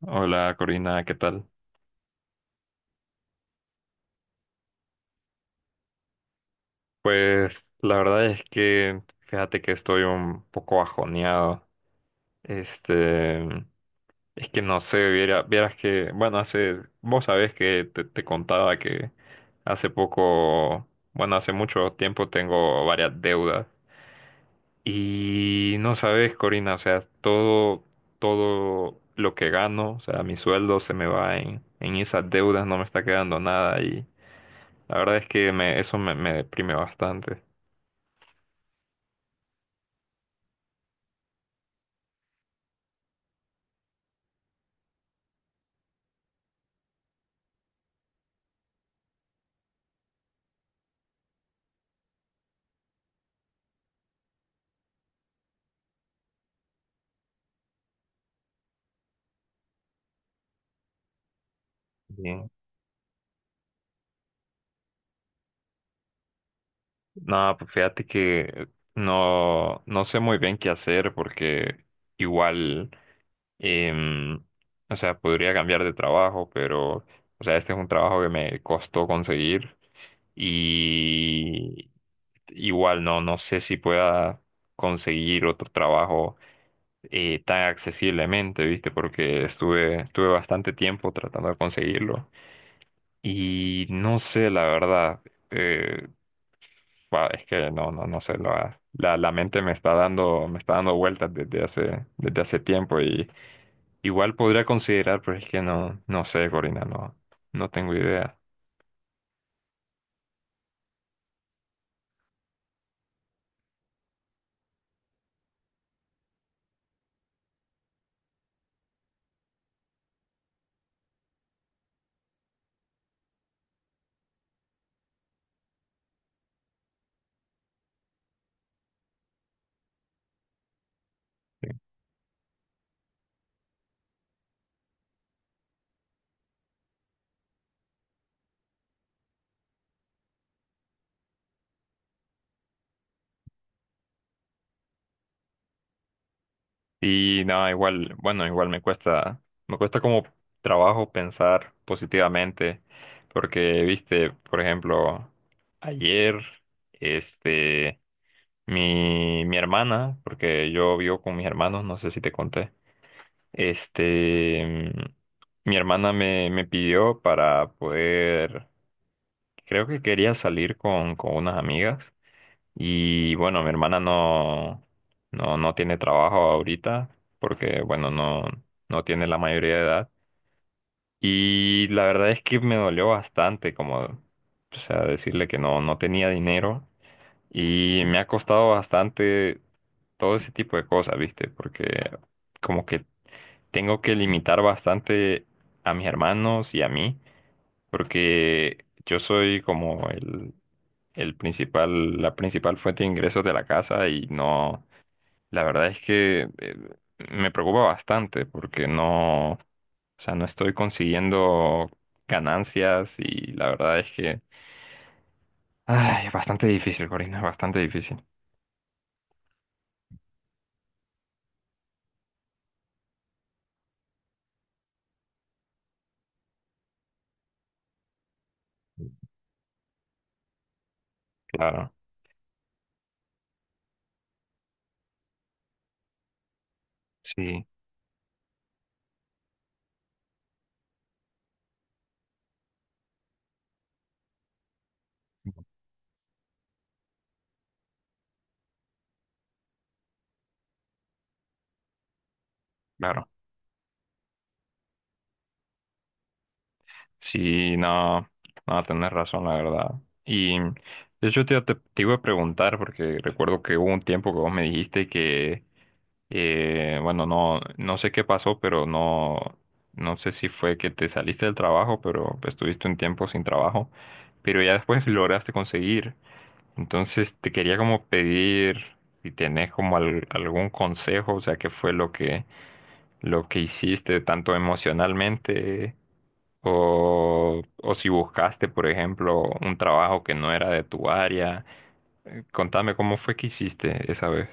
Hola Corina, ¿qué tal? Pues la verdad es que fíjate que estoy un poco bajoneado. Este, es que no sé, vieras que, bueno, hace, vos sabés que te contaba que hace poco, bueno, hace mucho tiempo tengo varias deudas. Y no sabes, Corina, o sea, todo lo que gano, o sea, mi sueldo se me va en esas deudas, no me está quedando nada y la verdad es que eso me deprime bastante. Bien. No, pues fíjate que no sé muy bien qué hacer porque igual, em, o sea, podría cambiar de trabajo, pero, o sea, este es un trabajo que me costó conseguir y igual no sé si pueda conseguir otro trabajo tan accesiblemente, ¿viste? Porque estuve bastante tiempo tratando de conseguirlo y no sé, la verdad. eh, Guau, es que no sé, la mente me está dando vueltas desde desde hace tiempo y igual podría considerar, pero es que no sé, Corina, no, no tengo idea. Sí. Y no, igual, bueno, igual me cuesta como trabajo pensar positivamente, porque, viste, por ejemplo, ayer, este, mi hermana, porque yo vivo con mis hermanos, no sé si te conté. Este, mi hermana me pidió para poder, creo que quería salir con unas amigas y bueno, mi hermana no tiene trabajo ahorita porque bueno, no tiene la mayoría de edad y la verdad es que me dolió bastante como, o sea, decirle que no tenía dinero y me ha costado bastante todo ese tipo de cosas, ¿viste? Porque como que tengo que limitar bastante a mis hermanos y a mí, porque yo soy como el principal, la principal fuente de ingresos de la casa y no, la verdad es que me preocupa bastante porque no, o sea, no estoy consiguiendo ganancias y la verdad es que, ay, es bastante difícil, Corina, es bastante difícil. Claro. Sí, claro. Sí, no, no, tenés razón, la verdad. Y de hecho te iba a preguntar, porque recuerdo que hubo un tiempo que vos me dijiste que. Bueno, no sé qué pasó, pero no sé si fue que te saliste del trabajo, pero estuviste un tiempo sin trabajo, pero ya después lograste conseguir. Entonces te quería como pedir si tenés como algún consejo, o sea, qué fue lo que hiciste tanto emocionalmente o si buscaste, por ejemplo, un trabajo que no era de tu área. Contame cómo fue que hiciste esa vez.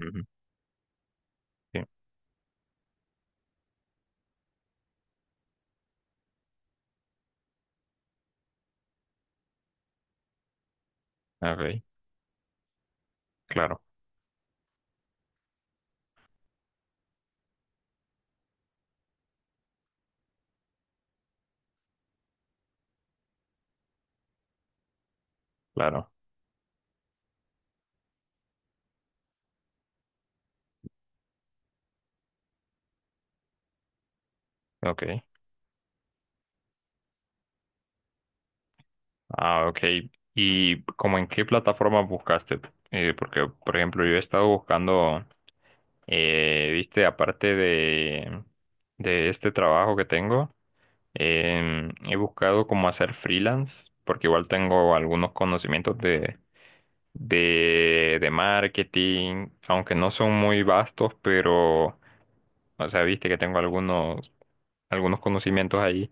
Ujú. Sí. Ok. Claro, claro. Ok. Ah, ok. ¿Y como en qué plataforma buscaste? Porque, por ejemplo, yo he estado buscando, viste, aparte de este trabajo que tengo, he buscado cómo hacer freelance, porque igual tengo algunos conocimientos de marketing, aunque no son muy vastos, pero, o sea, viste que tengo algunos conocimientos ahí.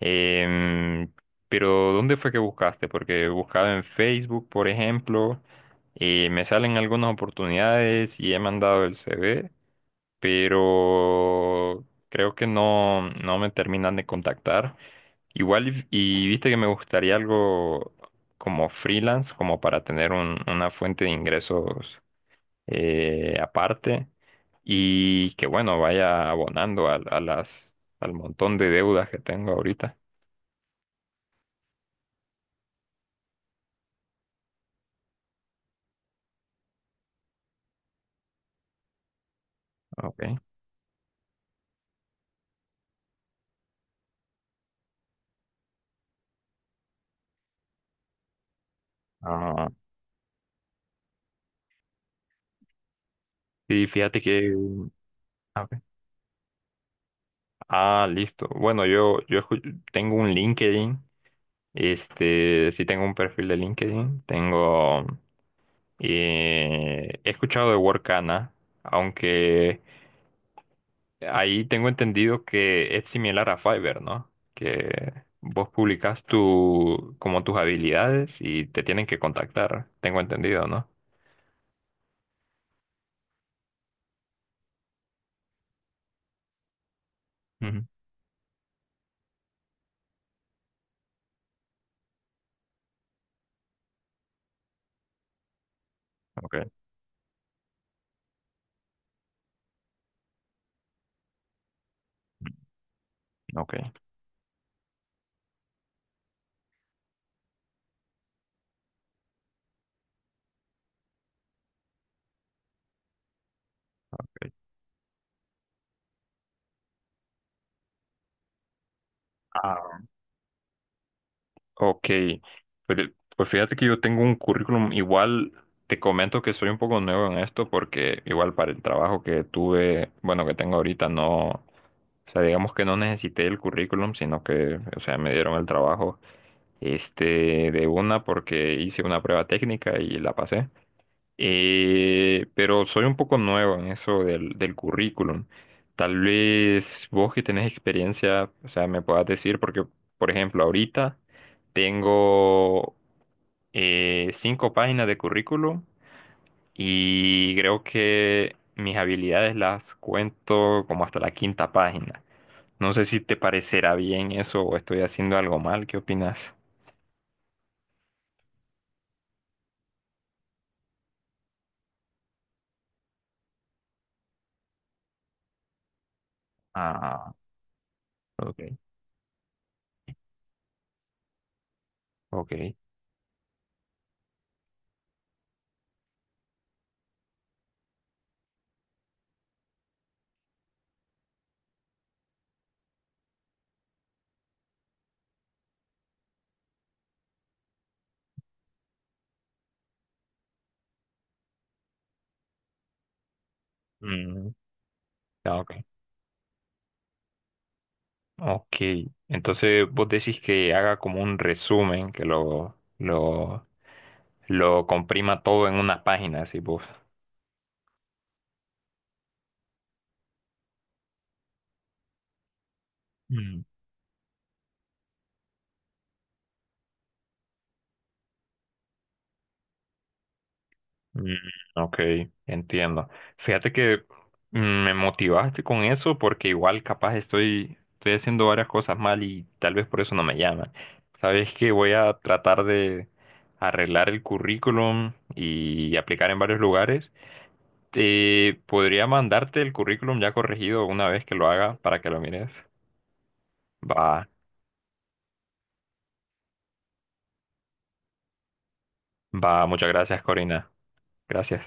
Em, pero ¿dónde fue que buscaste? Porque buscaba en Facebook, por ejemplo, y me salen algunas oportunidades y he mandado el CV, pero creo que no me terminan de contactar. Igual, y viste que me gustaría algo como freelance, como para tener una fuente de ingresos aparte y que, bueno, vaya abonando a al montón de deudas que tengo ahorita. Okay. Sí, fíjate que... mm, a ver. Ah, listo. Bueno, tengo un LinkedIn. Este, sí tengo un perfil de LinkedIn. Tengo... he escuchado de Workana, aunque ahí tengo entendido que es similar a Fiverr, ¿no? Que vos publicas tu, como tus habilidades y te tienen que contactar. Tengo entendido, ¿no? Ujú. Okay, okay. Ok. Ah, ok, pero, pues fíjate que yo tengo un currículum, igual te comento que soy un poco nuevo en esto porque igual para el trabajo que tuve, bueno, que tengo ahorita, no, o sea, digamos que no necesité el currículum, sino que, o sea, me dieron el trabajo, este, de una porque hice una prueba técnica y la pasé. Pero soy un poco nuevo en eso del currículum. Tal vez vos que tenés experiencia, o sea, me puedas decir, porque, por ejemplo, ahorita tengo cinco páginas de currículum y creo que mis habilidades las cuento como hasta la quinta página. No sé si te parecerá bien eso o estoy haciendo algo mal. ¿Qué opinas? Ah, ok, ok. Mm, ah, ok. Ok, entonces vos decís que haga como un resumen, que lo comprima todo en una página, así vos. Mm. Mm, ok, entiendo. Fíjate que mm, me motivaste con eso porque igual capaz estoy, estoy haciendo varias cosas mal y tal vez por eso no me llaman. Sabes que voy a tratar de arreglar el currículum y aplicar en varios lugares. Podría mandarte el currículum ya corregido una vez que lo haga para que lo mires. Va, va, muchas gracias, Corina. Gracias.